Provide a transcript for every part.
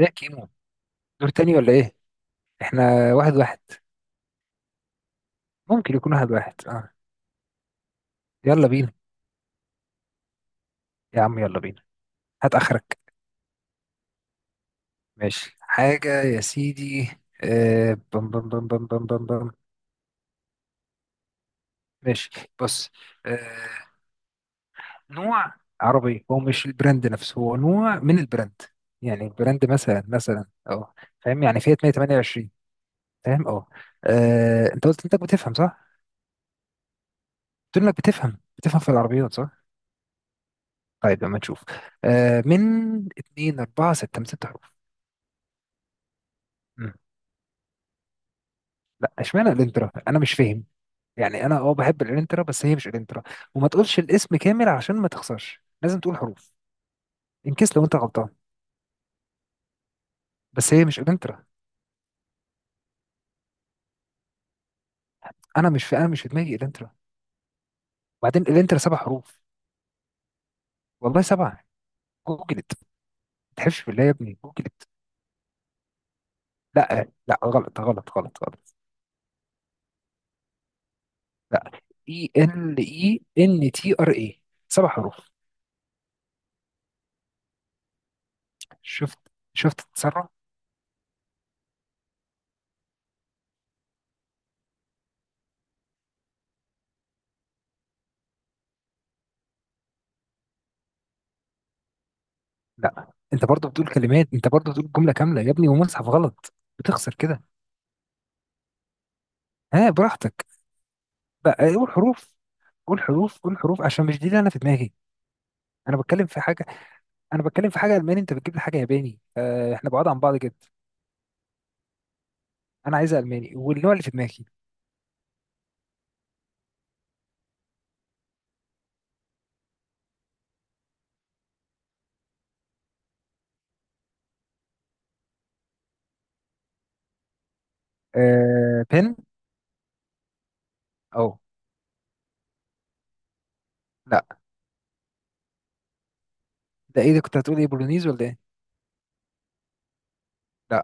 يا كيمو، دور تاني ولا ايه؟ احنا واحد واحد. ممكن يكون واحد واحد اه. يلا بينا. يا عم يلا بينا. هات اخرك. ماشي حاجة يا سيدي. آه بم بم بم بم بم بم بم. ماشي. بص. آه. نوع عربي، هو مش البراند نفسه، هو نوع من البراند. يعني البراند مثلا مثلا اه. فاهم؟ يعني فيات 128. فاهم اه. انت قلت انك بتفهم صح؟ قلت انك بتفهم في العربيات صح؟ طيب لما نشوف. آه من 2 4 6، من 6 حروف. مم. لا، اشمعنى الانترا؟ انا مش فاهم. يعني انا اه بحب الانترا، بس هي مش الانترا. وما تقولش الاسم كامل عشان ما تخسرش، لازم تقول حروف. ان كيس لو انت غلطان. بس هي مش الانترا. انا مش في دماغي الانترا. وبعدين الانترا سبع حروف. والله سبعه. جوجلت. ما تحلفش بالله يا ابني، جوجلت. لا لا، غلط غلط غلط غلط. لا. اي ال اي ان تي ار اي. سبع حروف. شفت؟ شفت التسرع؟ لا انت برضه بتقول كلمات، انت برضه بتقول جمله كامله يا ابني، ومصحف غلط. بتخسر كده. ها، براحتك. بقى إيه، قول حروف. قول حروف قول حروف عشان مش دي اللي انا في دماغي. انا بتكلم في حاجه. انا بتكلم في حاجه الماني، انت بتجيب لي حاجه ياباني. احنا بعاد عن بعض جدا. انا عايزها الماني، والنوع اللي في دماغي. أه بن. او. لا. ده ايه ده، كنت هتقول ايه، بولونيز ولا ايه؟ لا.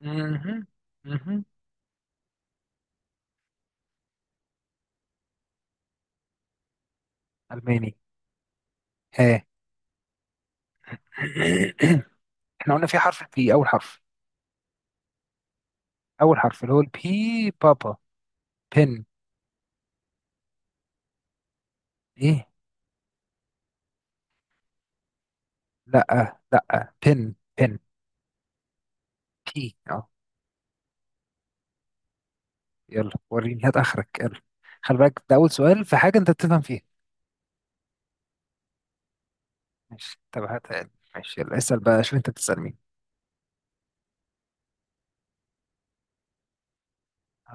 مهم. مهم. الماني. ها. احنا قلنا في حرف البي اول حرف. اول حرف اللي هو البي. بابا. بن. ايه؟ لا لا، بن بن. بي اه. يلا وريني، هات اخرك يلا. خلي بالك ده اول سؤال في حاجه انت بتفهم فيها. ماشي، طب هات. ماشي يلا، اسال بقى، شوف انت بتسال مين.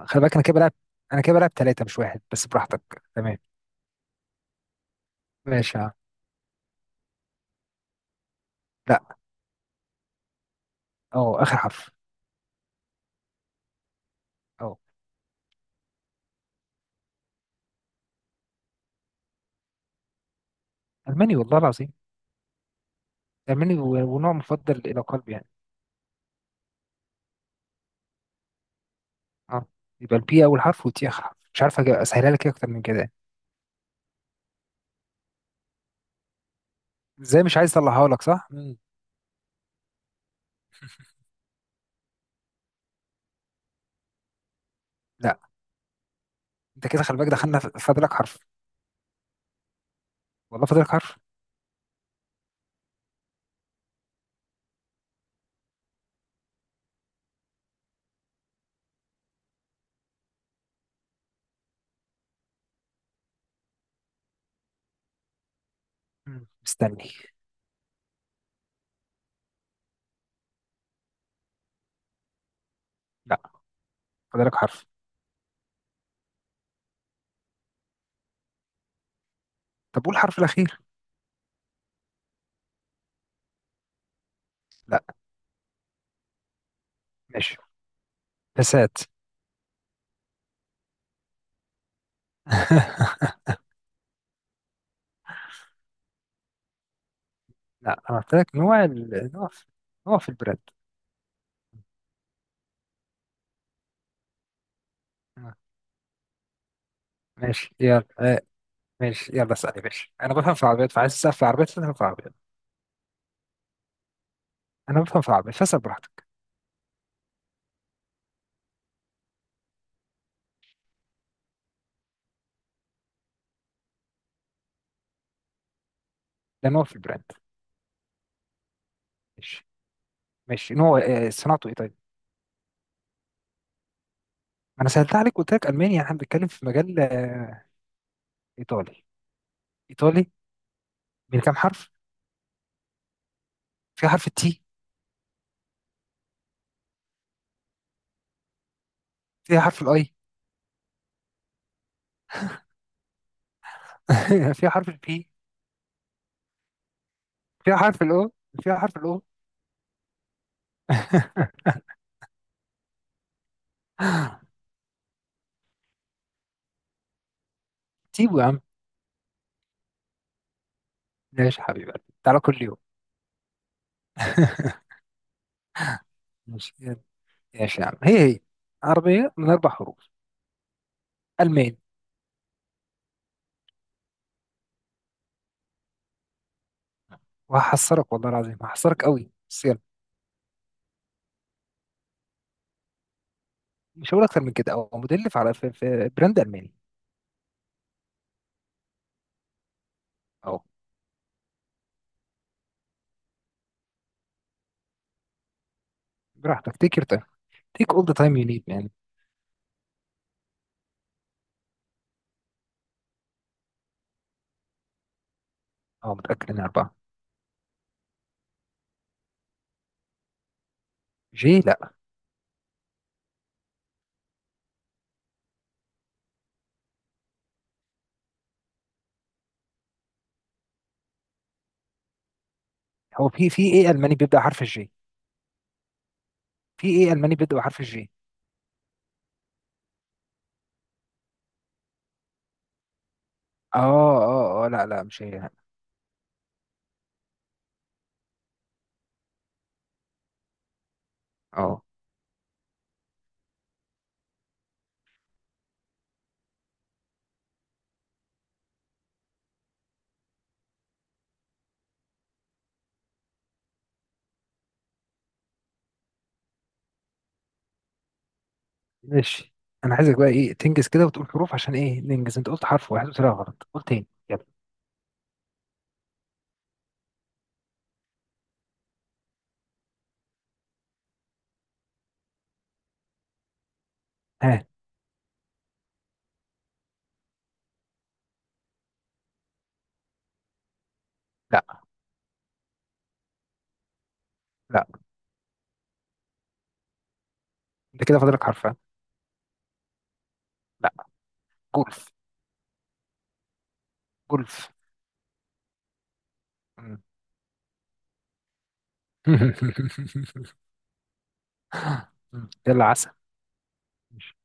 خلي بالك انا كده بلعب. انا كده بلعب ثلاثه مش واحد، بس براحتك. تمام. ماشي يا عم. لا. اه، اخر حرف. اه. الماني والله العظيم. الماني ونوع مفضل الى قلبي يعني. اه. يبقى البي اول حرف والتي اخر حرف، مش عارف اسهلها لك إيه اكتر من كده يعني. ازاي مش عايز اطلعها لك؟ صح. مم. لا. انت كده، خلي بالك، دخلنا فاضلك حرف. والله فاضلك حرف. مم. مستني. لا، فاضلك حرف. طب قول الحرف الاخير. لا. ماشي. فسات. لا، انا قلت لك نوع ال... نوع في... نوع في البرد. آه، ماشي يلا. آه، ماشي يلا اسالي. ماشي، انا بفهم في العربيات، فعايز تسال في العربيات، فاسال في العربيات. انا بفهم في العربيات، فاسال براحتك. ده نوع في البراند. ماشي. ماشي. نوع آه، صناعته ايه طيب؟ ما انا سالت عليك، قلت لك المانيا، احنا بنتكلم في مجال آه، ايطالي؟ ايطالي. من كام حرف؟ فيها حرف التي؟ فيها حرف الاي؟ فيها حرف البي. فيها حرف الاو. فيها حرف الاو. تيبو يا عم. ماشي حبيبي. تعالى كل يوم. ماشي. ماشي يا عم. هي عربية من أربع حروف. ألمان. وهحصرك والله العظيم، هحصرك قوي، بس يلا. مش هقول أكتر من كده، أو مدلف على في براند ألماني. أهو. براحتك، تيك يور تايم. تيك أول ذا تايم يو نيد مان. أه، متأكد إن أربعة. جي لا. هو في إيه ألماني بيبدأ حرف الجي؟ في إيه ألماني بيبدأ بحرف الجي؟ أه أه أه لا لا، مش هي. أه، ماشي. أنا عايزك بقى إيه، تنجز كده وتقول حروف عشان إيه ننجز، أنت قلت حرف واحد وطلع غلط، قول تاني يلا. ها. لا لا. أنت كده فاضلك حرف، ها؟ لا. جولف. جولف. يلا عسل.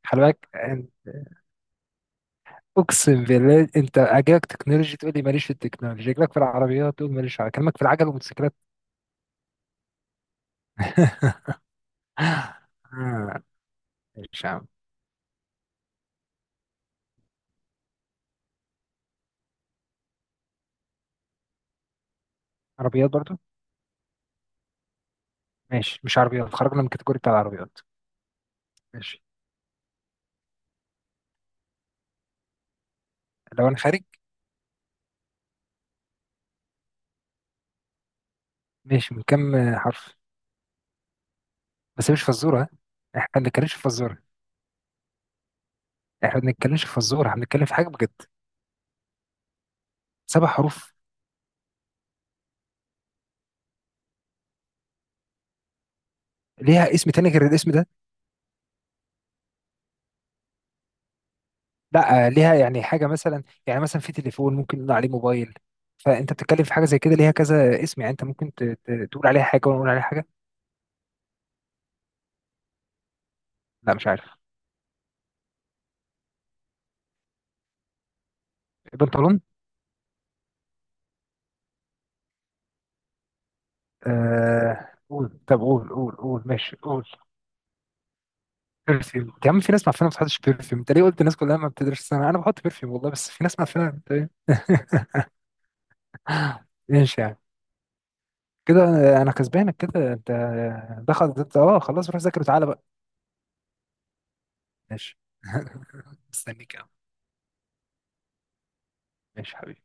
خلي بالك اقسم بالله، انت اجاك تكنولوجي تقول لي ماليش في التكنولوجي، اجاك في العربيات تقول ماليش، على كلامك في العجل والموتوسيكلات. آه، ماشي يا عم. عربيات برضو؟ ماشي، مش عربيات، خرجنا من الكاتيجوري بتاع العربيات. ماشي. لو انا خارج. ماشي، من كام آه، حرف؟ بس مش فزوره ها؟ احنا ما بنتكلمش في فزوره. احنا ما بنتكلمش في فزوره، احنا بنتكلم في حاجه بجد. سبع حروف. ليها اسم تاني غير الاسم ده؟ لا آه، ليها يعني حاجه، مثلا يعني، مثلا في تليفون ممكن نقول عليه موبايل. فانت بتتكلم في حاجه زي كده ليها كذا اسم، يعني انت ممكن تقول عليها حاجه وانا اقول عليها حاجه. لا مش عارف. بنطلون. آه قول، طب قول قول قول، ماشي قول. برفيوم؟ يا عم في ناس معفنه ما بتحطش برفيوم، انت ليه قلت الناس كلها؟ ما بتدرسش سنه، انا بحط برفيوم والله، بس في ناس معفنه أنت إيه؟ ماشي يعني. كده آه، انا كسبانك. كده انت آه، دخل انت اه، خلاص روح ذاكر وتعالى بقى. ماشي. مستنيك يا عم. ماشي حبيبي.